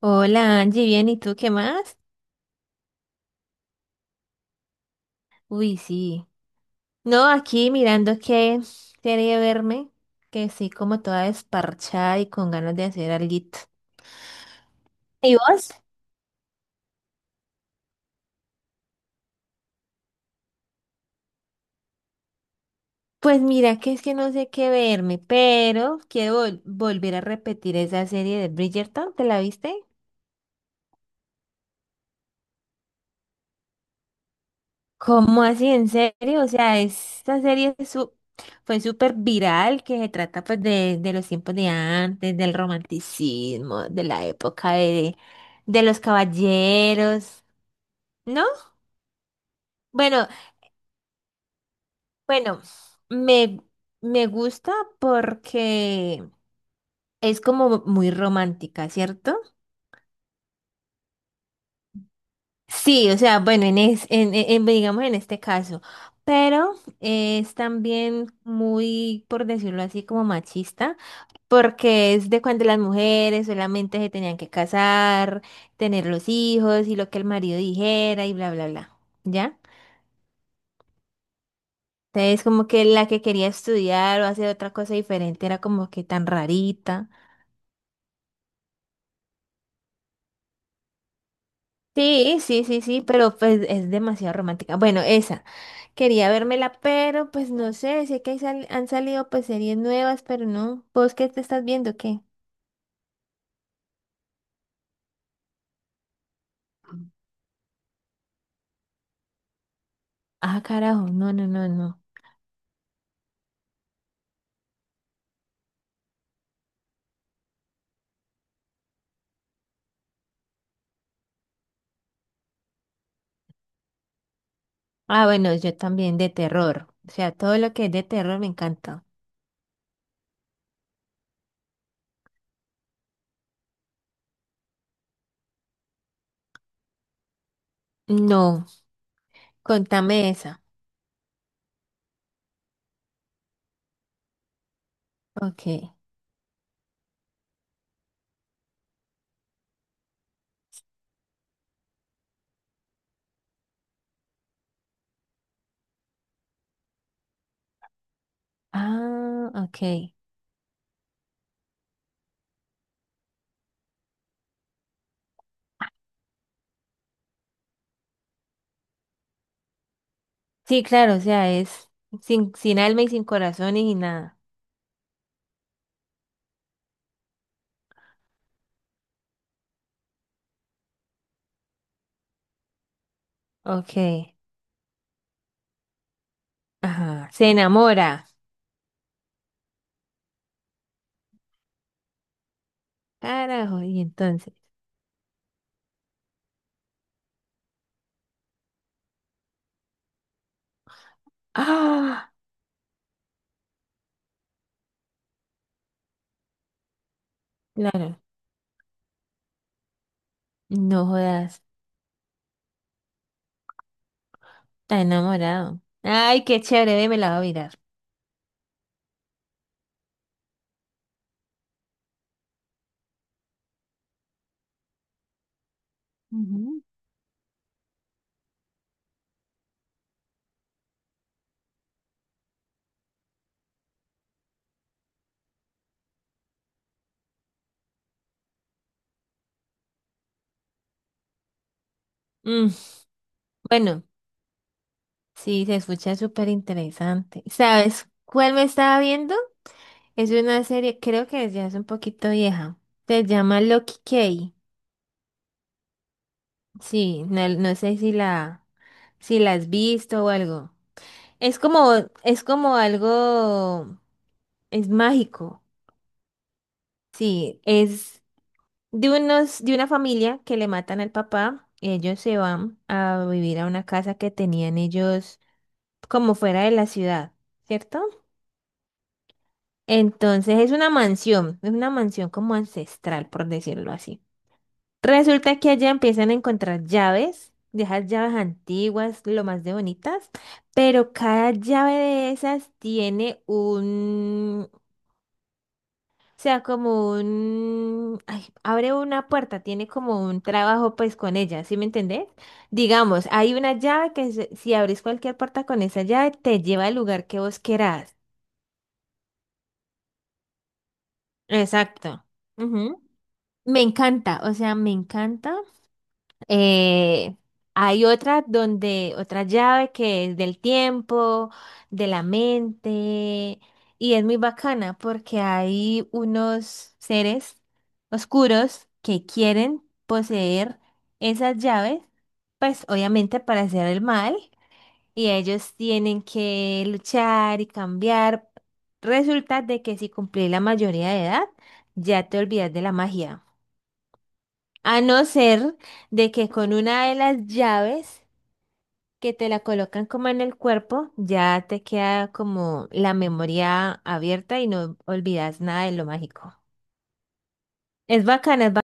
Hola Angie, bien, ¿y tú qué más? Uy, sí. No, aquí mirando qué serie verme, que sí, como toda desparchada y con ganas de hacer alguito. ¿Y vos? Pues mira que es que no sé qué verme, pero quiero volver a repetir esa serie de Bridgerton, ¿te la viste? ¿Cómo así? ¿En serio? O sea, esta serie es su- fue súper viral, que se trata pues de los tiempos de antes, del romanticismo, de la época de los caballeros, ¿no? Bueno, bueno, me, me gusta porque es como muy romántica, ¿cierto? Sí, o sea, bueno, en, es, en- digamos en este caso, pero es también muy, por decirlo así, como machista porque es de cuando las mujeres solamente se tenían que casar, tener los hijos y lo que el marido dijera y bla, bla, bla, ¿ya? Entonces como que la que quería estudiar o hacer otra cosa diferente era como que tan rarita. Sí, sí, sí, sí, pero pues es demasiado romántica. Bueno, esa. Quería vérmela, pero pues no sé, sé que hay han salido pues series nuevas, pero no. ¿Vos qué te estás viendo? ¿Qué? Ah, carajo, no, no, no, no. Ah, bueno, yo también de terror. O sea, todo lo que es de terror me encanta. No, contame esa. Ok. Ah, ok. Sí, claro, o sea, es sin alma y sin corazón y nada. Ok. Ajá. Se enamora. Carajo, y entonces. Ah, claro. No jodas. Está enamorado. Ay, qué chévere, ve, me la voy a mirar. Ujú. Mm, bueno, sí, se escucha súper interesante. ¿Sabes cuál me estaba viendo? Es una serie, creo que ya es un poquito vieja. Se llama Loki Key. Sí, no, no sé si si la has visto o algo. Es como, es como algo, es mágico. Sí, es de unos, de una familia que le matan al papá. Y ellos se van a vivir a una casa que tenían ellos como fuera de la ciudad, ¿cierto? Entonces es una mansión como ancestral, por decirlo así. Resulta que allá empiezan a encontrar llaves, de esas llaves antiguas, lo más de bonitas, pero cada llave de esas tiene un, o sea, como un, ay, abre una puerta, tiene como un trabajo pues con ella, ¿sí me entendés? Digamos, hay una llave si abrís cualquier puerta con esa llave te lleva al lugar que vos querás. Exacto. Ujú. Me encanta, o sea, me encanta. Eh, hay otras donde, otra llave que es del tiempo, de la mente, y es muy bacana porque hay unos seres oscuros que quieren poseer esas llaves, pues obviamente para hacer el mal, y ellos tienen que luchar y cambiar. Resulta de que si cumplís la mayoría de edad, ya te olvidas de la magia. A no ser de que con una de las llaves que te la colocan como en el cuerpo, ya te queda como la memoria abierta y no olvidas nada de lo mágico. Es bacana, es bacana.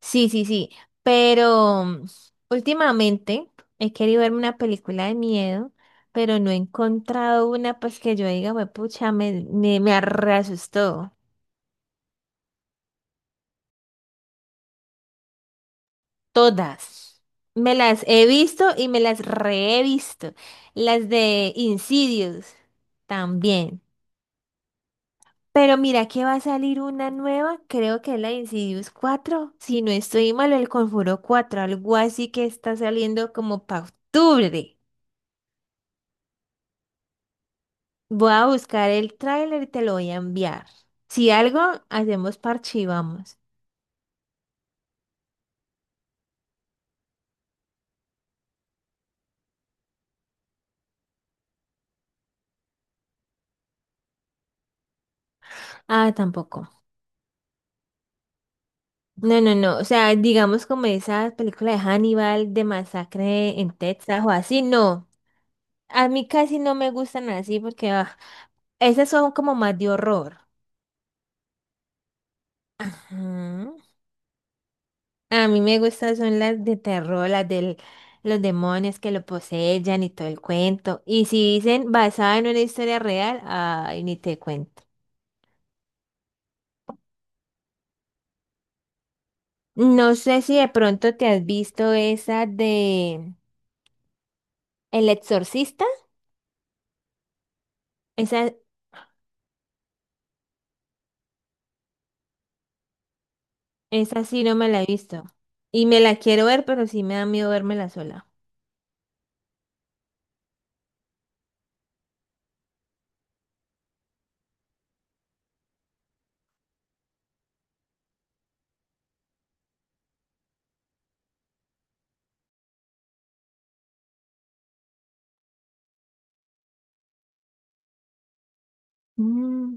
Sí, sí, sí. Pero últimamente he querido verme una película de miedo, pero no he encontrado una pues que yo diga, "Hue pucha, me reasustó". Todas. Me las he visto y me las re he visto. Las de Insidious también. Pero mira que va a salir una nueva, creo que es la de Insidious 4 si no estoy mal, el Conjuro 4 algo así, que está saliendo como para octubre. Voy a buscar el tráiler y te lo voy a enviar. Si algo, hacemos parche y vamos. Ah, tampoco. No, no, no. O sea, digamos como esas películas de Hannibal, de Masacre en Texas o así, no. A mí casi no me gustan así porque esas son como más de horror. Ujú. A mí me gustan son las de terror, las de los demonios que lo poseyan y todo el cuento. Y si dicen basada en una historia real, ay, ni te cuento. No sé si de pronto te has visto esa de El Exorcista. Esa, esa sí no me la he visto. Y me la quiero ver, pero sí me da miedo vérmela sola. Mm.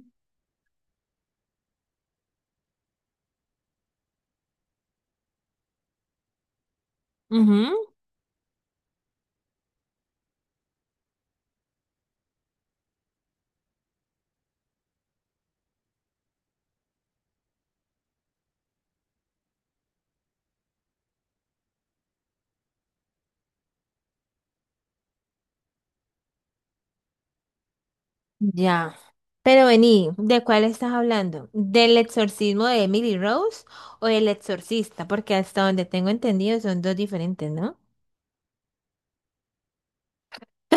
Ujú. Ya. Pero vení, ¿de cuál estás hablando? ¿Del exorcismo de Emily Rose o del exorcista? Porque hasta donde tengo entendido son dos diferentes, ¿no?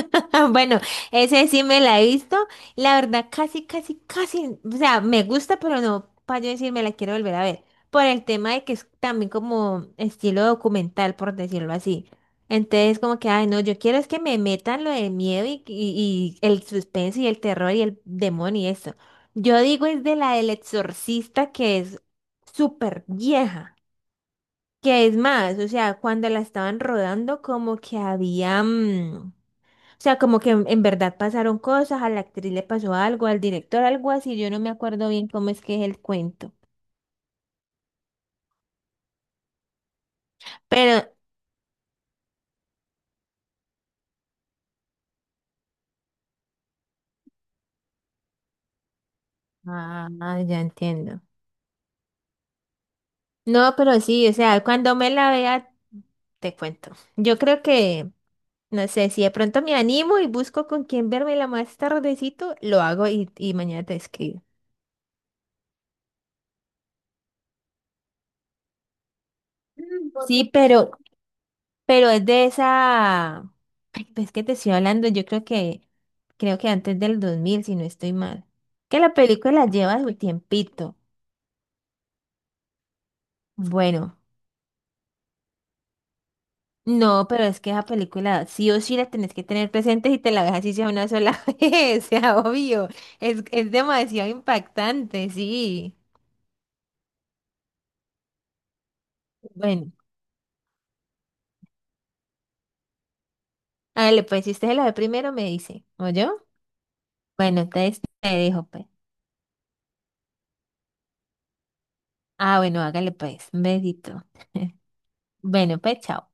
Ah, bueno, ese sí me la he visto. La verdad, casi, casi, casi, o sea, me gusta, pero no para yo decir me la quiero volver a ver. Por el tema de que es también como estilo documental, por decirlo así. Entonces, como que, ay, no, yo quiero es que me metan lo del miedo y el suspenso y el terror y el demonio y eso. Yo digo es de la del exorcista que es súper vieja. Que es más, o sea, cuando la estaban rodando, como que había o sea, como que en verdad pasaron cosas, a la actriz le pasó algo, al director algo así, yo no me acuerdo bien cómo es que es el cuento. Pero, ah, ya entiendo. No, pero sí, o sea, cuando me la vea, te cuento. Yo creo que, no sé, si de pronto me animo y busco con quién verme la más tardecito, lo hago y mañana te escribo. Sí, pero es de esa... Ay, pues que te estoy hablando, yo creo que... Creo que antes del 2000 si no estoy mal. Que la película lleva su tiempito. Bueno, no, pero es que esa película sí o sí la tenés que tener presente si te la ves así sea una sola vez, sea obvio. Es demasiado impactante, sí. Bueno, hágale pues, si usted se la ve primero me dice, ¿o yo? Bueno, entonces te dejo pues. Ah, bueno, hágale pues, un besito. Bueno, pues, chao.